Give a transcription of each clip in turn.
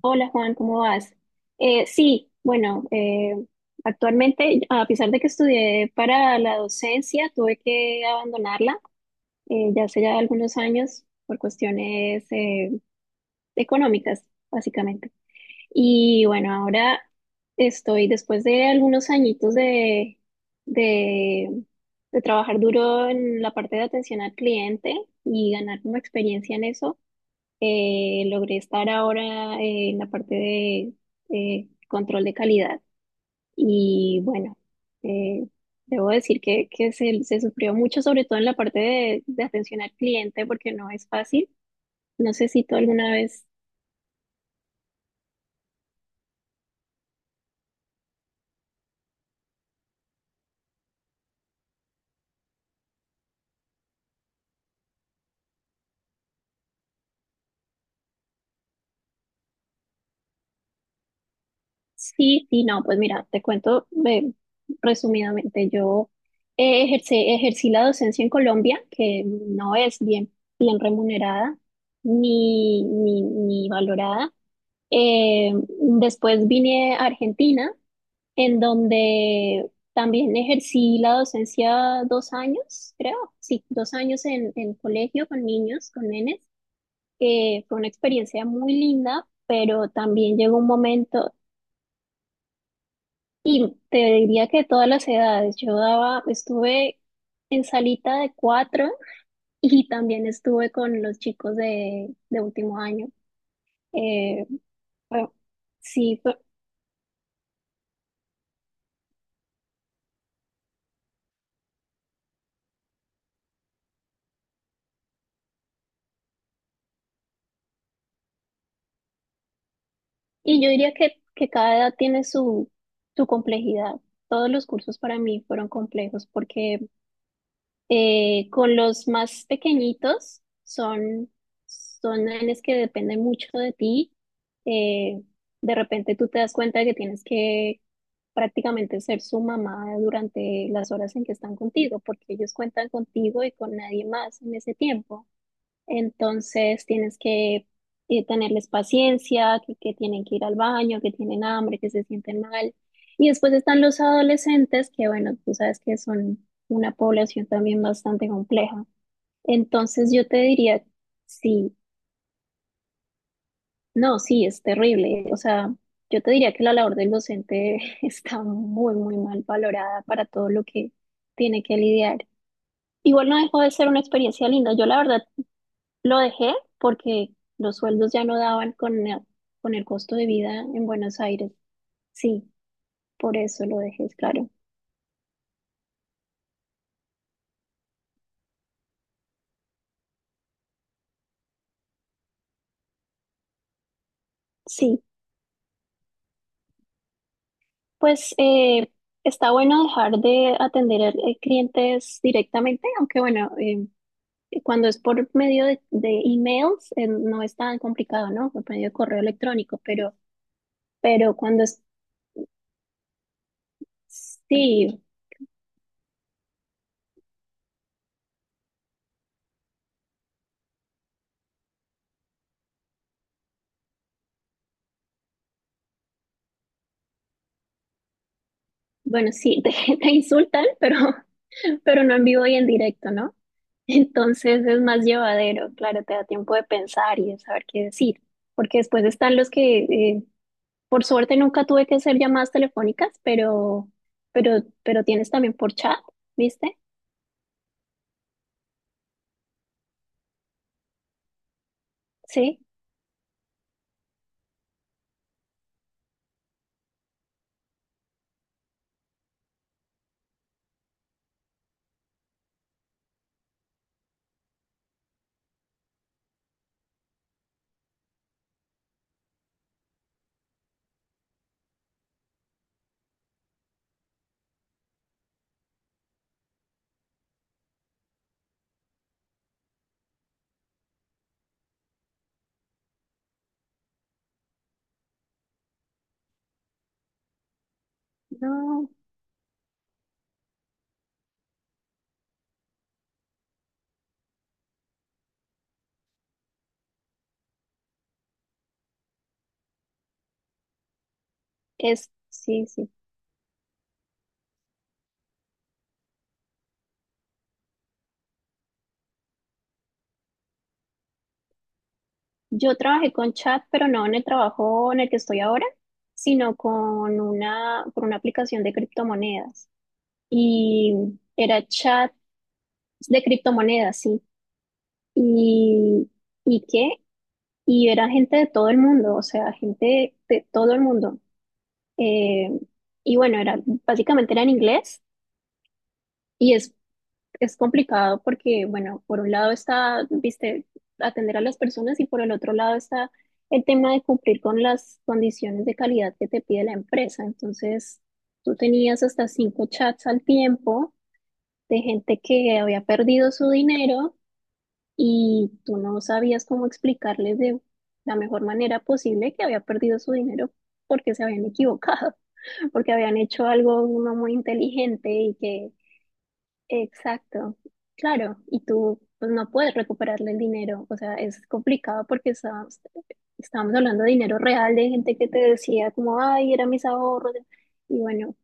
Hola Juan, ¿cómo vas? Sí, bueno, actualmente, a pesar de que estudié para la docencia, tuve que abandonarla ya hace ya algunos años por cuestiones económicas, básicamente. Y bueno, ahora estoy, después de algunos añitos de, de trabajar duro en la parte de atención al cliente y ganar como experiencia en eso, logré estar ahora en la parte de control de calidad y bueno, eh, debo decir que, se sufrió mucho, sobre todo en la parte de atención al cliente, porque no es fácil. No sé si tú alguna vez, sí, sí, no, pues mira, te cuento resumidamente, yo ejercí la docencia en Colombia, que no es bien remunerada ni valorada. Eh, Después vine a Argentina, en donde también ejercí la docencia dos años, creo, sí, dos años en colegio con niños, con nenes. Fue una experiencia muy linda, pero también llegó un momento, y te diría que todas las edades, yo daba, estuve en salita de cuatro y también estuve con los chicos de último año. Eh, fue- Sí. Y yo diría que cada edad tiene su, su complejidad. Todos los cursos para mí fueron complejos porque, con los más pequeñitos son, son nenes que dependen mucho de ti. Eh, de repente tú te das cuenta de que tienes que prácticamente ser su mamá durante las horas en que están contigo, porque ellos cuentan contigo y con nadie más en ese tiempo. Entonces tienes que tenerles paciencia, que tienen que ir al baño, que tienen hambre, que se sienten mal. Y después están los adolescentes, que bueno, tú sabes que son una población también bastante compleja. Entonces yo te diría, sí, no, sí, es terrible. O sea, yo te diría que la labor del docente está muy, muy mal valorada para todo lo que tiene que lidiar. Igual no dejó de ser una experiencia linda. Yo la verdad lo dejé porque los sueldos ya no daban con el costo de vida en Buenos Aires. Sí, por eso lo dejé, claro. Sí, pues está bueno dejar de atender clientes directamente, aunque bueno, cuando es por medio de emails, no es tan complicado, ¿no? Por medio de correo electrónico, pero cuando es, sí, bueno, sí, te insultan, pero no en vivo y en directo, ¿no? Entonces es más llevadero, claro, te da tiempo de pensar y de saber qué decir, porque después están los que, por suerte nunca tuve que hacer llamadas telefónicas, pero tienes también por chat, ¿viste? Sí, no, es, sí, sí. Yo trabajé con chat, pero no en el trabajo en el que estoy ahora, sino con una, por una aplicación de criptomonedas. Y era chat de criptomonedas, sí. Y, ¿y qué? Y era gente de todo el mundo, o sea, gente de todo el mundo. Eh, y bueno, era, básicamente era en inglés y es complicado porque, bueno, por un lado está, viste, atender a las personas, y por el otro lado está el tema de cumplir con las condiciones de calidad que te pide la empresa. Entonces, tú tenías hasta cinco chats al tiempo de gente que había perdido su dinero y tú no sabías cómo explicarles de la mejor manera posible que había perdido su dinero porque se habían equivocado, porque habían hecho algo no muy inteligente y que, exacto, claro, y tú pues no puedes recuperarle el dinero, o sea, es complicado porque estamos, estamos hablando de dinero real, de gente que te decía como, ay, eran mis ahorros, y bueno,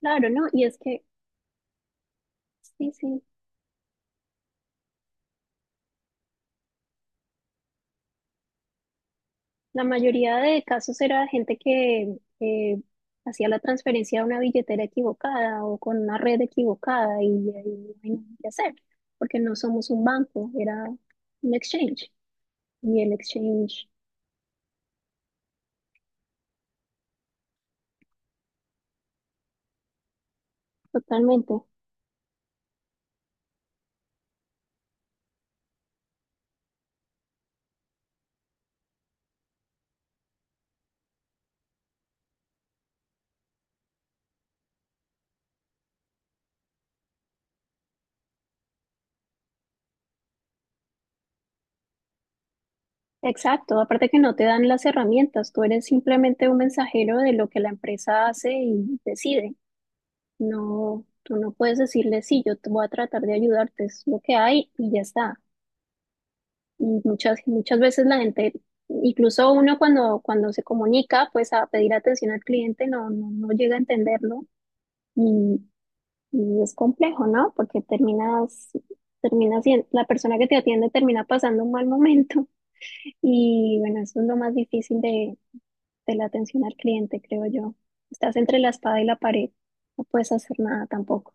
claro, ¿no? Y es que, sí, sí, la mayoría de casos era gente que hacía la transferencia a una billetera equivocada o con una red equivocada, y ahí no hay nada que hacer, porque no somos un banco, era un exchange y el exchange, totalmente. Exacto, aparte que no te dan las herramientas, tú eres simplemente un mensajero de lo que la empresa hace y decide. No, tú no puedes decirle, sí, yo te voy a tratar de ayudarte, es lo que hay y ya está. Y muchas, muchas veces la gente, incluso uno cuando, cuando se comunica, pues a pedir atención al cliente, no llega a entenderlo y, y es complejo, ¿no? Porque terminas, la persona que te atiende termina pasando un mal momento y bueno, eso es lo más difícil de la atención al cliente, creo yo. Estás entre la espada y la pared, no puedes hacer nada tampoco.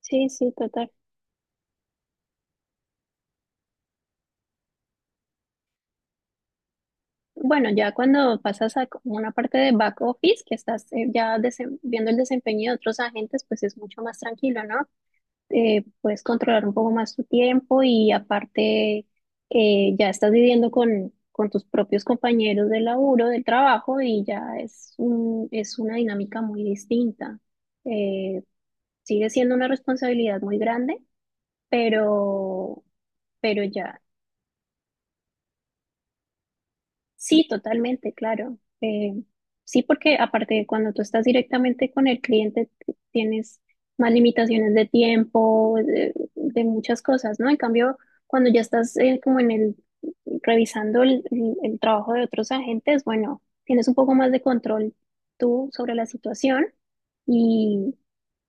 Sí, sí, total. Bueno, ya cuando pasas a como una parte de back office, que estás ya viendo el desempeño de otros agentes, pues es mucho más tranquilo, ¿no? Puedes controlar un poco más tu tiempo, y aparte ya estás viviendo con tus propios compañeros de laburo, del trabajo, y ya es un, es una dinámica muy distinta. Eh, Sigue siendo una responsabilidad muy grande, pero, pero ya. Sí, totalmente, claro. Sí, porque aparte cuando tú estás directamente con el cliente tienes más limitaciones de tiempo, de muchas cosas, ¿no? En cambio, cuando ya estás como en el revisando el, el trabajo de otros agentes, bueno, tienes un poco más de control tú sobre la situación,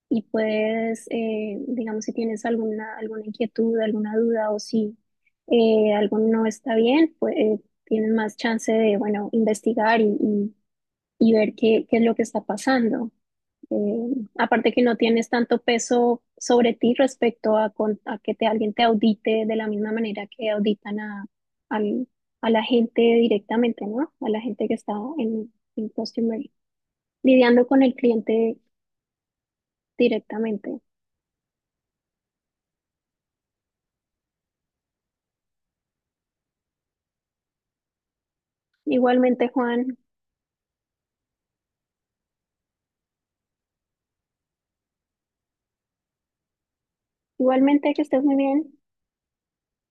y puedes, digamos, si tienes alguna, alguna inquietud, alguna duda, o si algo no está bien, pues tienes más chance de, bueno, investigar y ver qué, qué es lo que está pasando. Eh, Aparte que no tienes tanto peso sobre ti respecto a, a que te, alguien te audite de la misma manera que auditan a, al- a la gente directamente, ¿no? A la gente que está en customer, lidiando con el cliente directamente. Igualmente, Juan. Igualmente, que estés muy bien.